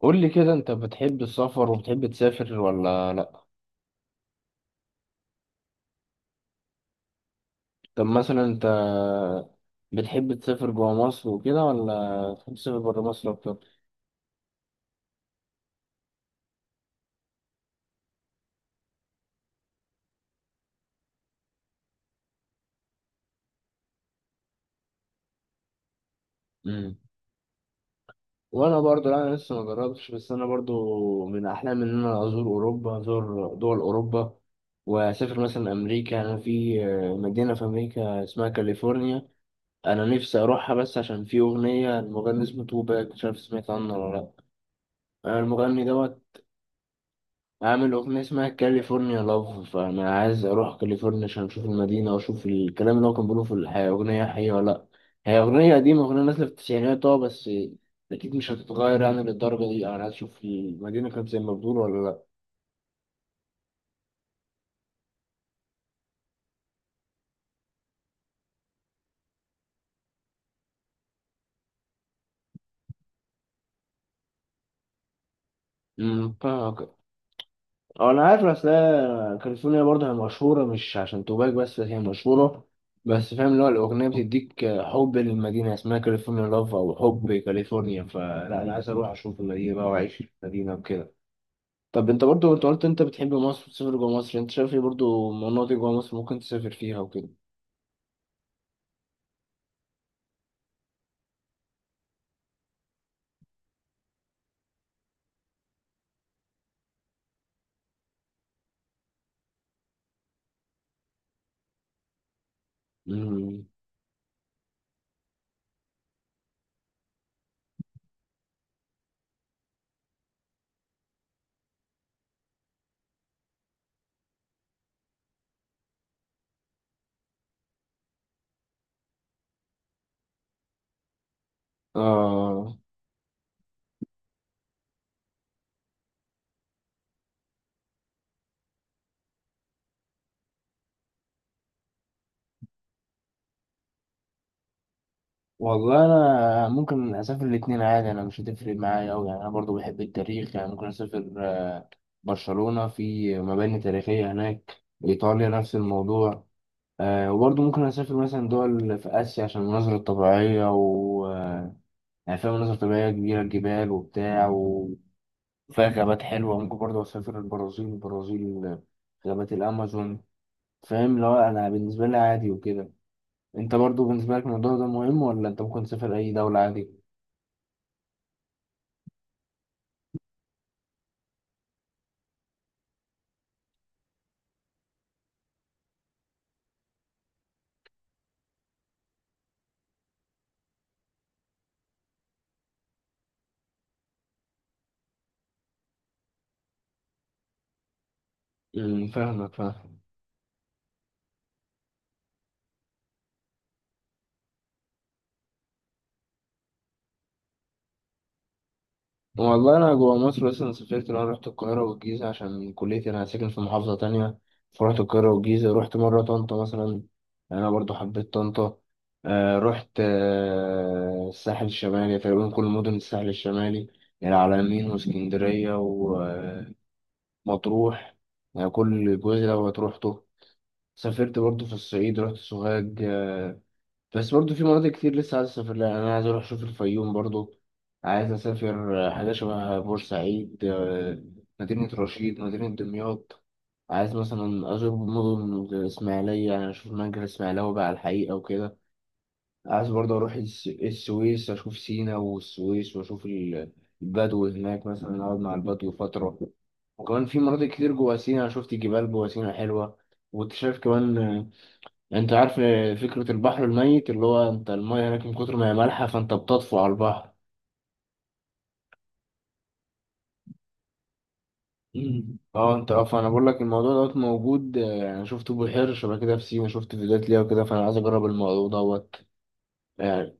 قول لي كده، انت بتحب السفر وبتحب تسافر ولا لا؟ طب مثلا انت بتحب تسافر جوا مصر وكده ولا تحب تسافر بره مصر اكتر؟ امم وانا برضو لا، انا لسه ما جربتش، بس انا برضو من احلامي ان انا ازور اوروبا، ازور دول اوروبا واسافر مثلا امريكا. انا في مدينه في امريكا اسمها كاليفورنيا، انا نفسي اروحها بس عشان في اغنيه، المغني اسمه توباك، مش عارف سمعت عنه ولا لا. المغني دوت عامل أغنية اسمها كاليفورنيا لاف، فأنا عايز أروح كاليفورنيا عشان أشوف المدينة وأشوف الكلام اللي هو كان بيقوله في الحياة، أغنية حقيقية ولا لأ. هي أغنية قديمة، أغنية نازلة في التسعينات، بس أكيد مش هتتغير يعني للدرجة دي، أنا عايز أشوف المدينة كانت زي ما بتقول ولا لأ. فاهمك. أنا عارف، أصل هي كاليفورنيا برضه هي مشهورة مش عشان توباك بس، هي مشهورة بس فاهم اللي هو الأغنية بتديك حب للمدينة، اسمها كاليفورنيا لاف أو حب كاليفورنيا، فلا أنا عايز أروح أشوف المدينة بقى وأعيش في المدينة وكده. طب انت برضو، انت قلت انت بتحب مصر وتسافر جوه مصر، انت شايف ايه برضو مناطق جوه مصر ممكن تسافر فيها وكده؟ امم آه والله انا ممكن اسافر الاتنين عادي، انا مش هتفرق معايا اوي. يعني انا برضو بحب التاريخ، يعني ممكن اسافر برشلونة، في مباني تاريخية هناك. ايطاليا نفس الموضوع. وبرضو ممكن اسافر مثلا دول في اسيا عشان المناظر الطبيعية و آه، يعني فيها مناظر طبيعية كبيرة، جبال وبتاع، فيها غابات حلوة. ممكن برضه أسافر البرازيل، غابات الأمازون. فاهم، لو أنا بالنسبة لي عادي وكده. أنت برضه بالنسبة لك الموضوع ده مهم، ولا أنت ممكن تسافر أي دولة عادي؟ فاهمك، فاهم. والله أنا جوا مصر بس. أنا سافرت، أنا رحت القاهرة والجيزة عشان كليتي، أنا ساكن في محافظة تانية، فرحت القاهرة والجيزة. رحت مرة طنطا مثلا، أنا برضه حبيت طنطا. رحت الساحل الشمالي تقريبا كل مدن الساحل الشمالي، العلمين واسكندرية، مطروح. يعني كل جزء لو هتروح سافرت برضو في الصعيد، رحت سوهاج. بس برضو في مناطق كتير لسه عايز اسافر لها. يعني انا عايز اروح اشوف الفيوم برضو، عايز اسافر حاجه شبه بورسعيد، مدينه رشيد، مدينه دمياط. عايز مثلا ازور مدن زي الاسماعيليه، يعني اشوف المنجر الاسماعيلوي بقى على الحقيقه وكده. عايز برضو اروح السويس، اشوف سينا والسويس، واشوف البدو هناك، مثلا اقعد مع البدو فتره. وكمان في مناطق كتير جوا سينا، أنا شفت جبال جوا سينا حلوة واكتشاف كمان. انت عارف فكرة البحر الميت اللي هو انت المية هناك من كتر ما هي مالحة فانت بتطفو على البحر؟ مم. اه انت فانا بقول لك الموضوع دوت موجود. انا شفته، بحيرة شبه كده في سينا، شفت فيديوهات ليها وكده، فانا عايز اجرب الموضوع دوت. يعني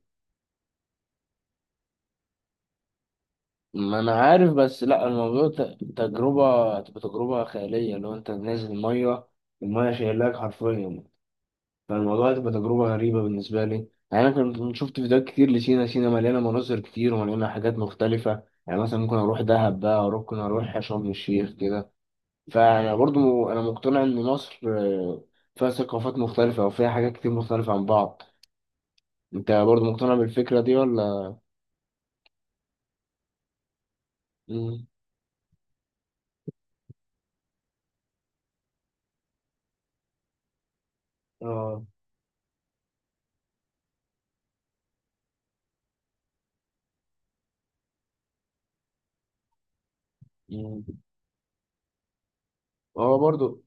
ما انا عارف، بس لا الموضوع تجربة، تبقى تجربة خيالية اللي هو انت نازل المية، المية شايلاك حرفيا، فالموضوع هتبقى تجربة غريبة بالنسبة لي. يعني أنا كنت شفت فيديوهات كتير لسينا. سينا مليانة مناظر كتير ومليانة حاجات مختلفة. يعني مثلا ممكن أروح دهب بقى، ممكن أروح شرم الشيخ كده. فأنا برضو أنا مقتنع إن مصر فيها ثقافات مختلفة وفيها حاجات كتير مختلفة عن بعض. أنت برضو مقتنع بالفكرة دي ولا؟ مم. آه. مم. آه برضو.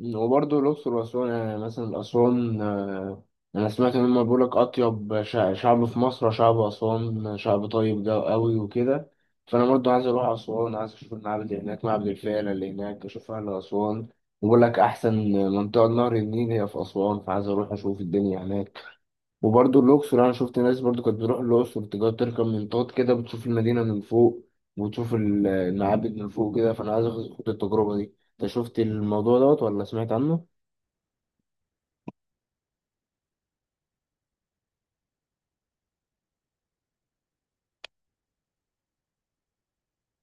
وبرضه الأقصر وأسوان، يعني مثلا أسوان، أنا سمعت إن هما بيقولك أطيب شعب في مصر شعب أسوان، شعب طيب ده أوي وكده. فأنا برضه عايز أروح أسوان، عايز أشوف المعبد اللي هناك، معبد الفيلة اللي هناك، أشوف أهل أسوان. بيقولك أحسن منطقة نهر النيل هي في أسوان، فعايز أروح أشوف الدنيا هناك. وبرضه الأقصر، أنا شفت ناس برضه كانت بتروح الأقصر تقعد تركب منطاد كده، بتشوف المدينة من فوق وتشوف المعابد من فوق كده، فأنا عايز آخد التجربة دي. أنت شفت الموضوع دوت ولا سمعت عنه؟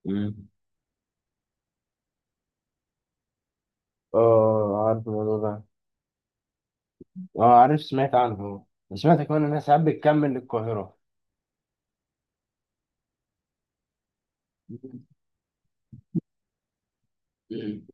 مم. آه، عارف الموضوع ده. آه، عارف، سمعت عنه. سمعت كمان إنها ساعات بتكمل للقاهرة. مم.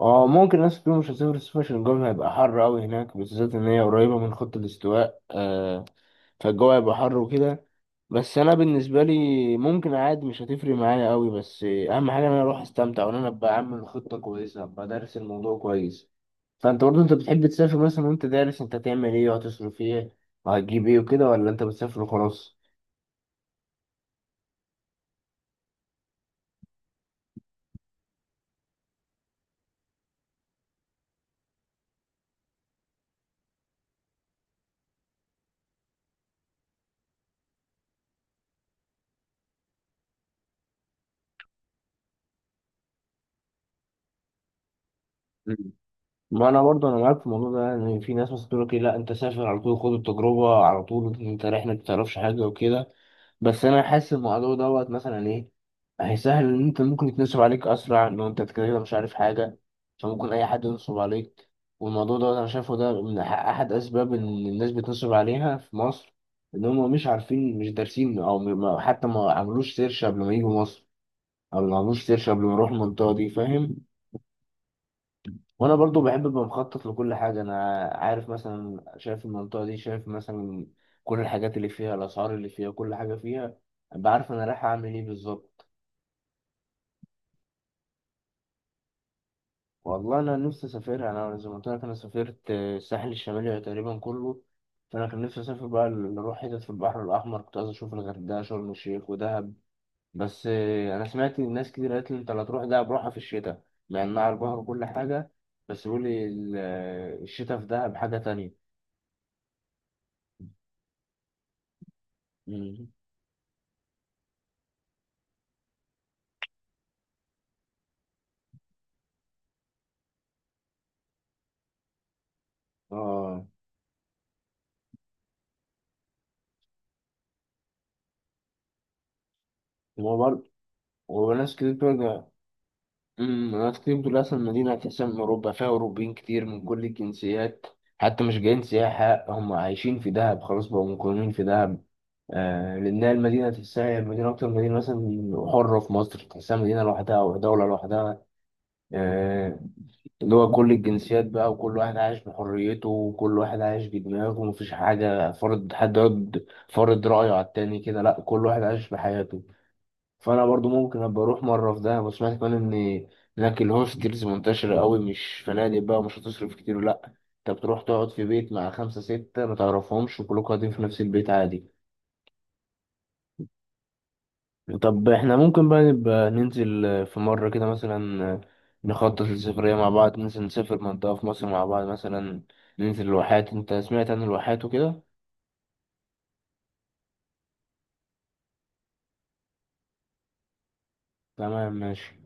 آه، ممكن ناس كتير مش هتسافر الصيف عشان الجو هيبقى حر أوي هناك، بالذات إن هي قريبة من خط الاستواء، فالجو هيبقى حر وكده. بس انا بالنسبه لي ممكن عادي، مش هتفرق معايا قوي، بس اهم حاجه ان انا اروح استمتع، وان انا ابقى عامل خطه كويسه، ابقى دارس الموضوع كويس. فانت برضه، انت بتحب تسافر مثلا وانت دارس انت هتعمل ايه وهتصرف ايه وهتجيب ايه وكده، ولا انت بتسافر وخلاص؟ مم. ما انا برضه انا معاك في الموضوع ده، ان في ناس مثلا تقول لك إيه، لا انت سافر على طول، خد التجربه على طول، انت رايح ما تعرفش حاجه وكده. بس انا حاسس الموضوع دوت مثلا ايه، هيسهل ان انت ممكن يتنصب عليك اسرع لو انت كده كده مش عارف حاجه، فممكن اي حد ينصب عليك. والموضوع دوت انا شايفه ده من احد اسباب ان الناس بتنصب عليها في مصر، ان هم مش عارفين، مش دارسين، او م- ما- حتى ما عملوش سيرش قبل ما يجوا مصر، او ما عملوش سيرش قبل ما يروحوا المنطقه دي، فاهم. وانا برضو بحب ابقى مخطط لكل حاجه، انا عارف مثلا، شايف المنطقه دي، شايف مثلا كل الحاجات اللي فيها، الاسعار اللي فيها، كل حاجه فيها، بعرف انا رايح اعمل ايه بالظبط. والله انا نفسي اسافر، انا زي ما قلت لك انا سافرت الساحل الشمالي تقريبا كله، فانا كان نفسي اسافر بقى اروح حتت في البحر الاحمر، كنت عايز اشوف الغردقه، شرم الشيخ، ودهب، بس انا سمعت ناس كتير قالت لي انت لا تروح دهب، روحها في الشتاء، مع انها على البحر وكل حاجه، بس بيقول لي الشتاء في دهب حاجه تانية. اه، هو برضه، هو ناس كتير بترجع. ناس كتير بتقول اصلا المدينه اساسا من اوروبا، فيها اوروبيين كتير من كل الجنسيات، حتى مش جايين سياحه، هم عايشين في دهب خلاص، بقوا مقيمين في دهب. آه، لانها المدينه تحسها مدينه، اكتر مدينه مثلا حره في مصر، تحسها مدينه لوحدها او دوله لوحدها. آه، اللي هو كل الجنسيات بقى، وكل واحد عايش بحريته، وكل واحد عايش بدماغه، ومفيش حاجه فرض، حد يقعد فرض رايه على التاني كده، لا، كل واحد عايش بحياته. فانا برضو ممكن ابقى اروح مره في دهب. وسمعت كمان ان هناك الهوستلز منتشره قوي، مش فنادق بقى، ومش هتصرف كتير، لا، انت بتروح تقعد في بيت مع خمسه سته ما تعرفهمش، وكلكم قاعدين في نفس البيت عادي. طب احنا ممكن بقى نبقى ننزل في مره كده مثلا، نخطط للسفريه مع بعض، ننزل نسافر منطقه في مصر مع بعض، مثلا ننزل الواحات. انت سمعت عن الواحات وكده؟ تمام، ماشي.